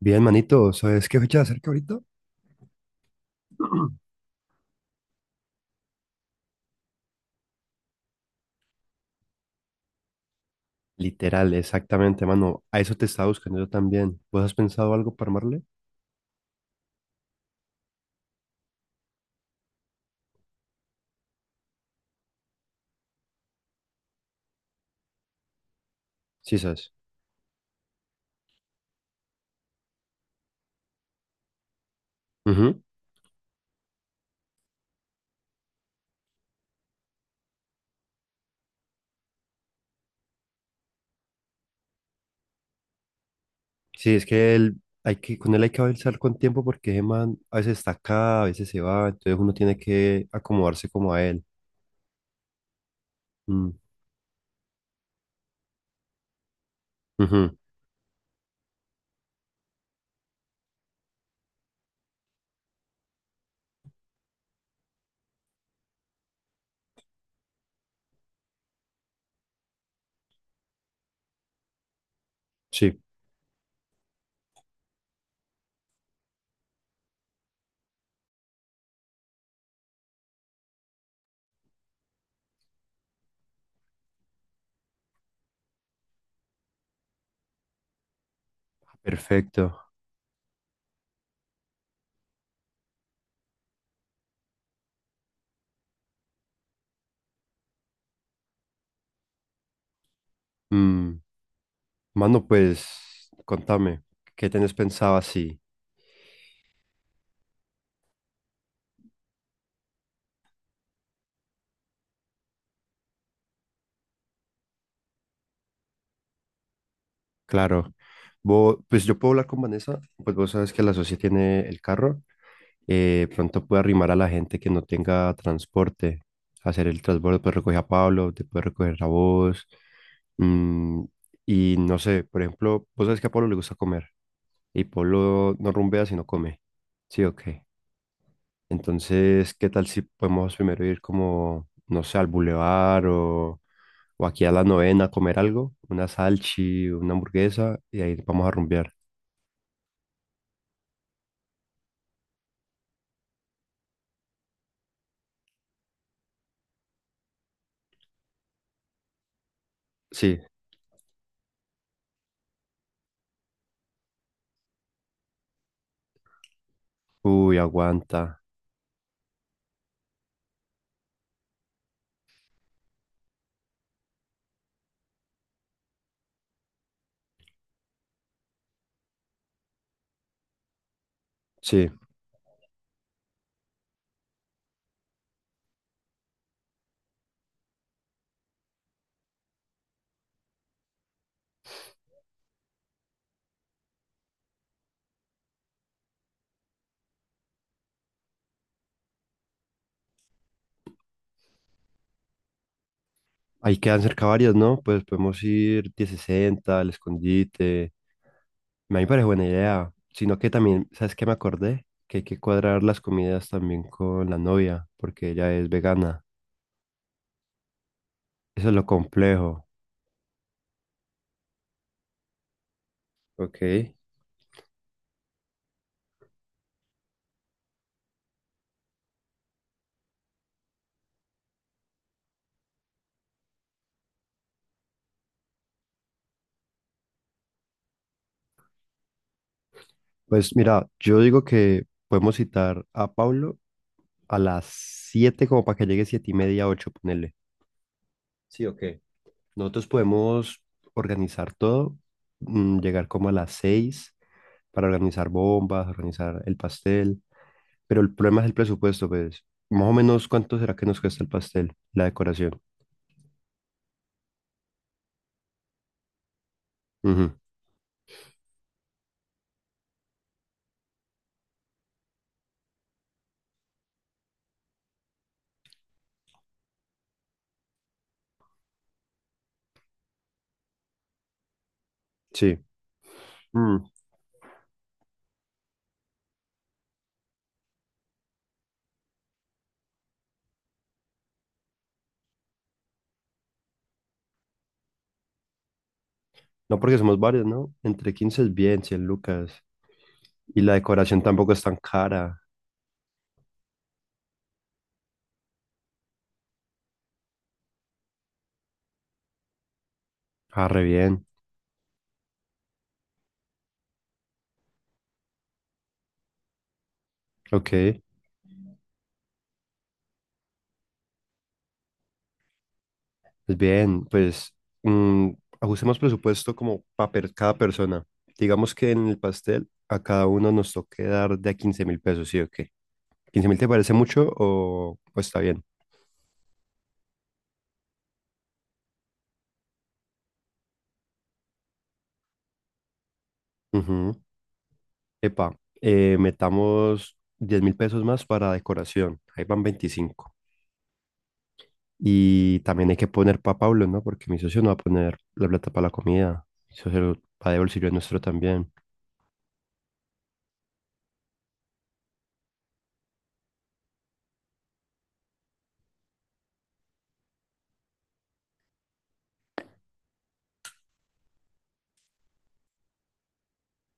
Bien, manito, ¿sabes qué fecha de acerca ahorita? Literal, exactamente, mano. A eso te estaba buscando yo también. ¿Vos has pensado algo para armarle? Sí, sabes. Ujú. Sí, es que él, con él hay que avanzar con tiempo porque ese man a veces está acá, a veces se va, entonces uno tiene que acomodarse como a él. Mm, ujú, sí, perfecto. Mm. Mano, pues, contame, ¿qué tenés pensado así? Claro. Vos, pues yo puedo hablar con Vanessa, pues vos sabes que la socia tiene el carro. Pronto puede arrimar a la gente que no tenga transporte, hacer el transbordo, pues recoger a Pablo, te puede recoger a vos. mm, y no sé, por ejemplo, vos sabes que a Pablo le gusta comer y Pablo no rumbea si no come. Sí, ok. Entonces, ¿qué tal si podemos primero ir como, no sé, al bulevar o aquí a la novena a comer algo? Una salchi, una hamburguesa y ahí vamos a rumbear. Sí, uy, aguanta. Sí, ahí quedan cerca varias, ¿no? Pues podemos ir 1060, el escondite. A mí me parece buena idea. Sino que también, ¿sabes qué me acordé? Que hay que cuadrar las comidas también con la novia, porque ella es vegana. Eso es lo complejo. Ok. Pues mira, yo digo que podemos citar a Pablo a las 7 como para que llegue 7:30, 8 ponele. Sí, ok. Nosotros podemos organizar todo, llegar como a las 6 para organizar bombas, organizar el pastel, pero el problema es el presupuesto, pues. Más o menos, ¿cuánto será que nos cuesta el pastel, la decoración? Ujú, sí. Mm. No, porque somos varios, ¿no? Entre 15 es bien, 100 lucas. Y la decoración tampoco es tan cara. Ah, re bien. Ok. Pues bien, pues, mm, ajustemos presupuesto como para cada persona. Digamos que en el pastel a cada uno nos toque dar de a 15 mil pesos, ¿sí o qué? ¿15 mil te parece mucho o está bien? Ujú. Epa, metamos 10 mil pesos más para decoración. Ahí van 25. Y también hay que poner para Pablo, ¿no? Porque mi socio no va a poner la plata para la comida. Eso se lo va de bolsillo el nuestro también.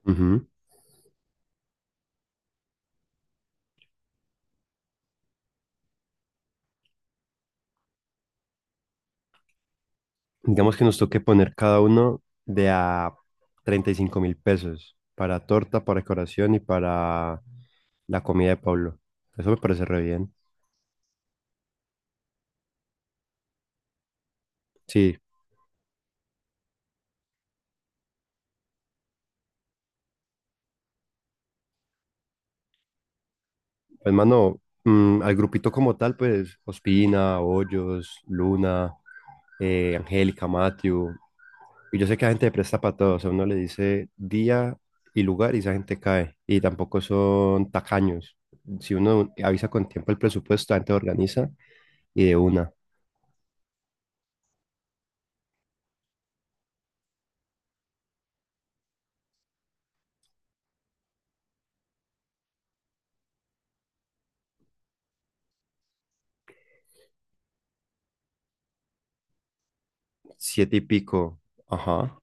Ujú. Digamos que nos toque poner cada uno de a 35 mil pesos para torta, para decoración y para la comida de Pablo. Eso me parece re bien. Sí, hermano, al grupito como tal, pues Ospina, Hoyos, Luna, Angélica, Matthew. Y yo sé que la gente presta para todo. O sea, uno le dice día y lugar y esa gente cae. Y tampoco son tacaños. Si uno avisa con tiempo el presupuesto, la gente lo organiza y de una. Siete y pico. Ajá.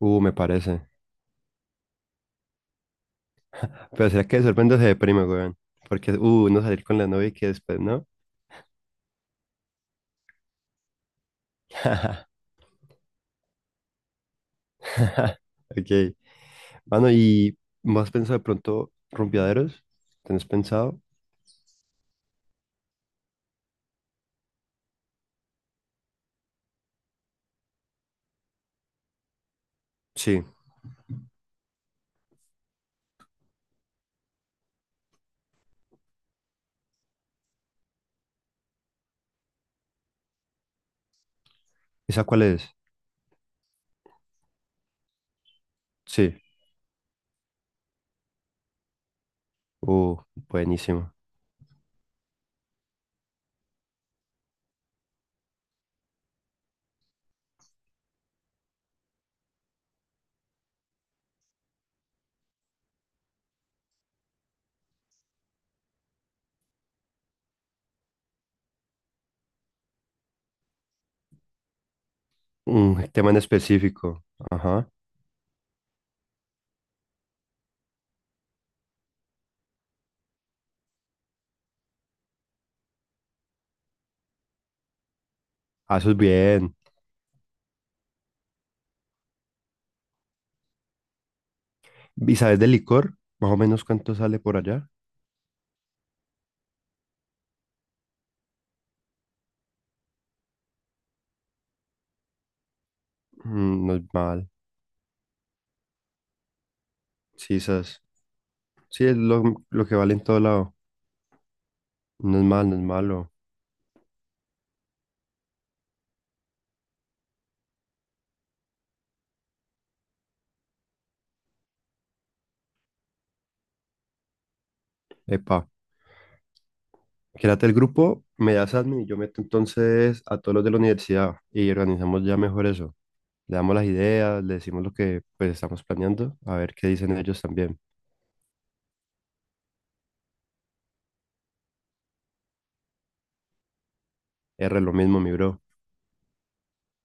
Me parece. Pero será que de repente se deprime, weón. Porque, no salir con la novia y que después, ¿no? Ok. Mano, ¿y más pensado de pronto rumbeaderos? ¿Tenés pensado? Sí. ¿Esa cuál es? Sí. Uh, Buenísimo. Un tema en específico. Ajá. Ah, eso es bien. ¿Y sabes del licor? Más o menos, ¿cuánto sale por allá? Mm, no es mal. Sí, esas. Sí, es lo que vale en todo lado. No es mal, no es malo. Epa, quédate el grupo, me das admin y yo meto entonces a todos los de la universidad y organizamos ya mejor eso. Le damos las ideas, le decimos lo que pues estamos planeando, a ver qué dicen ellos también. R, lo mismo, mi bro.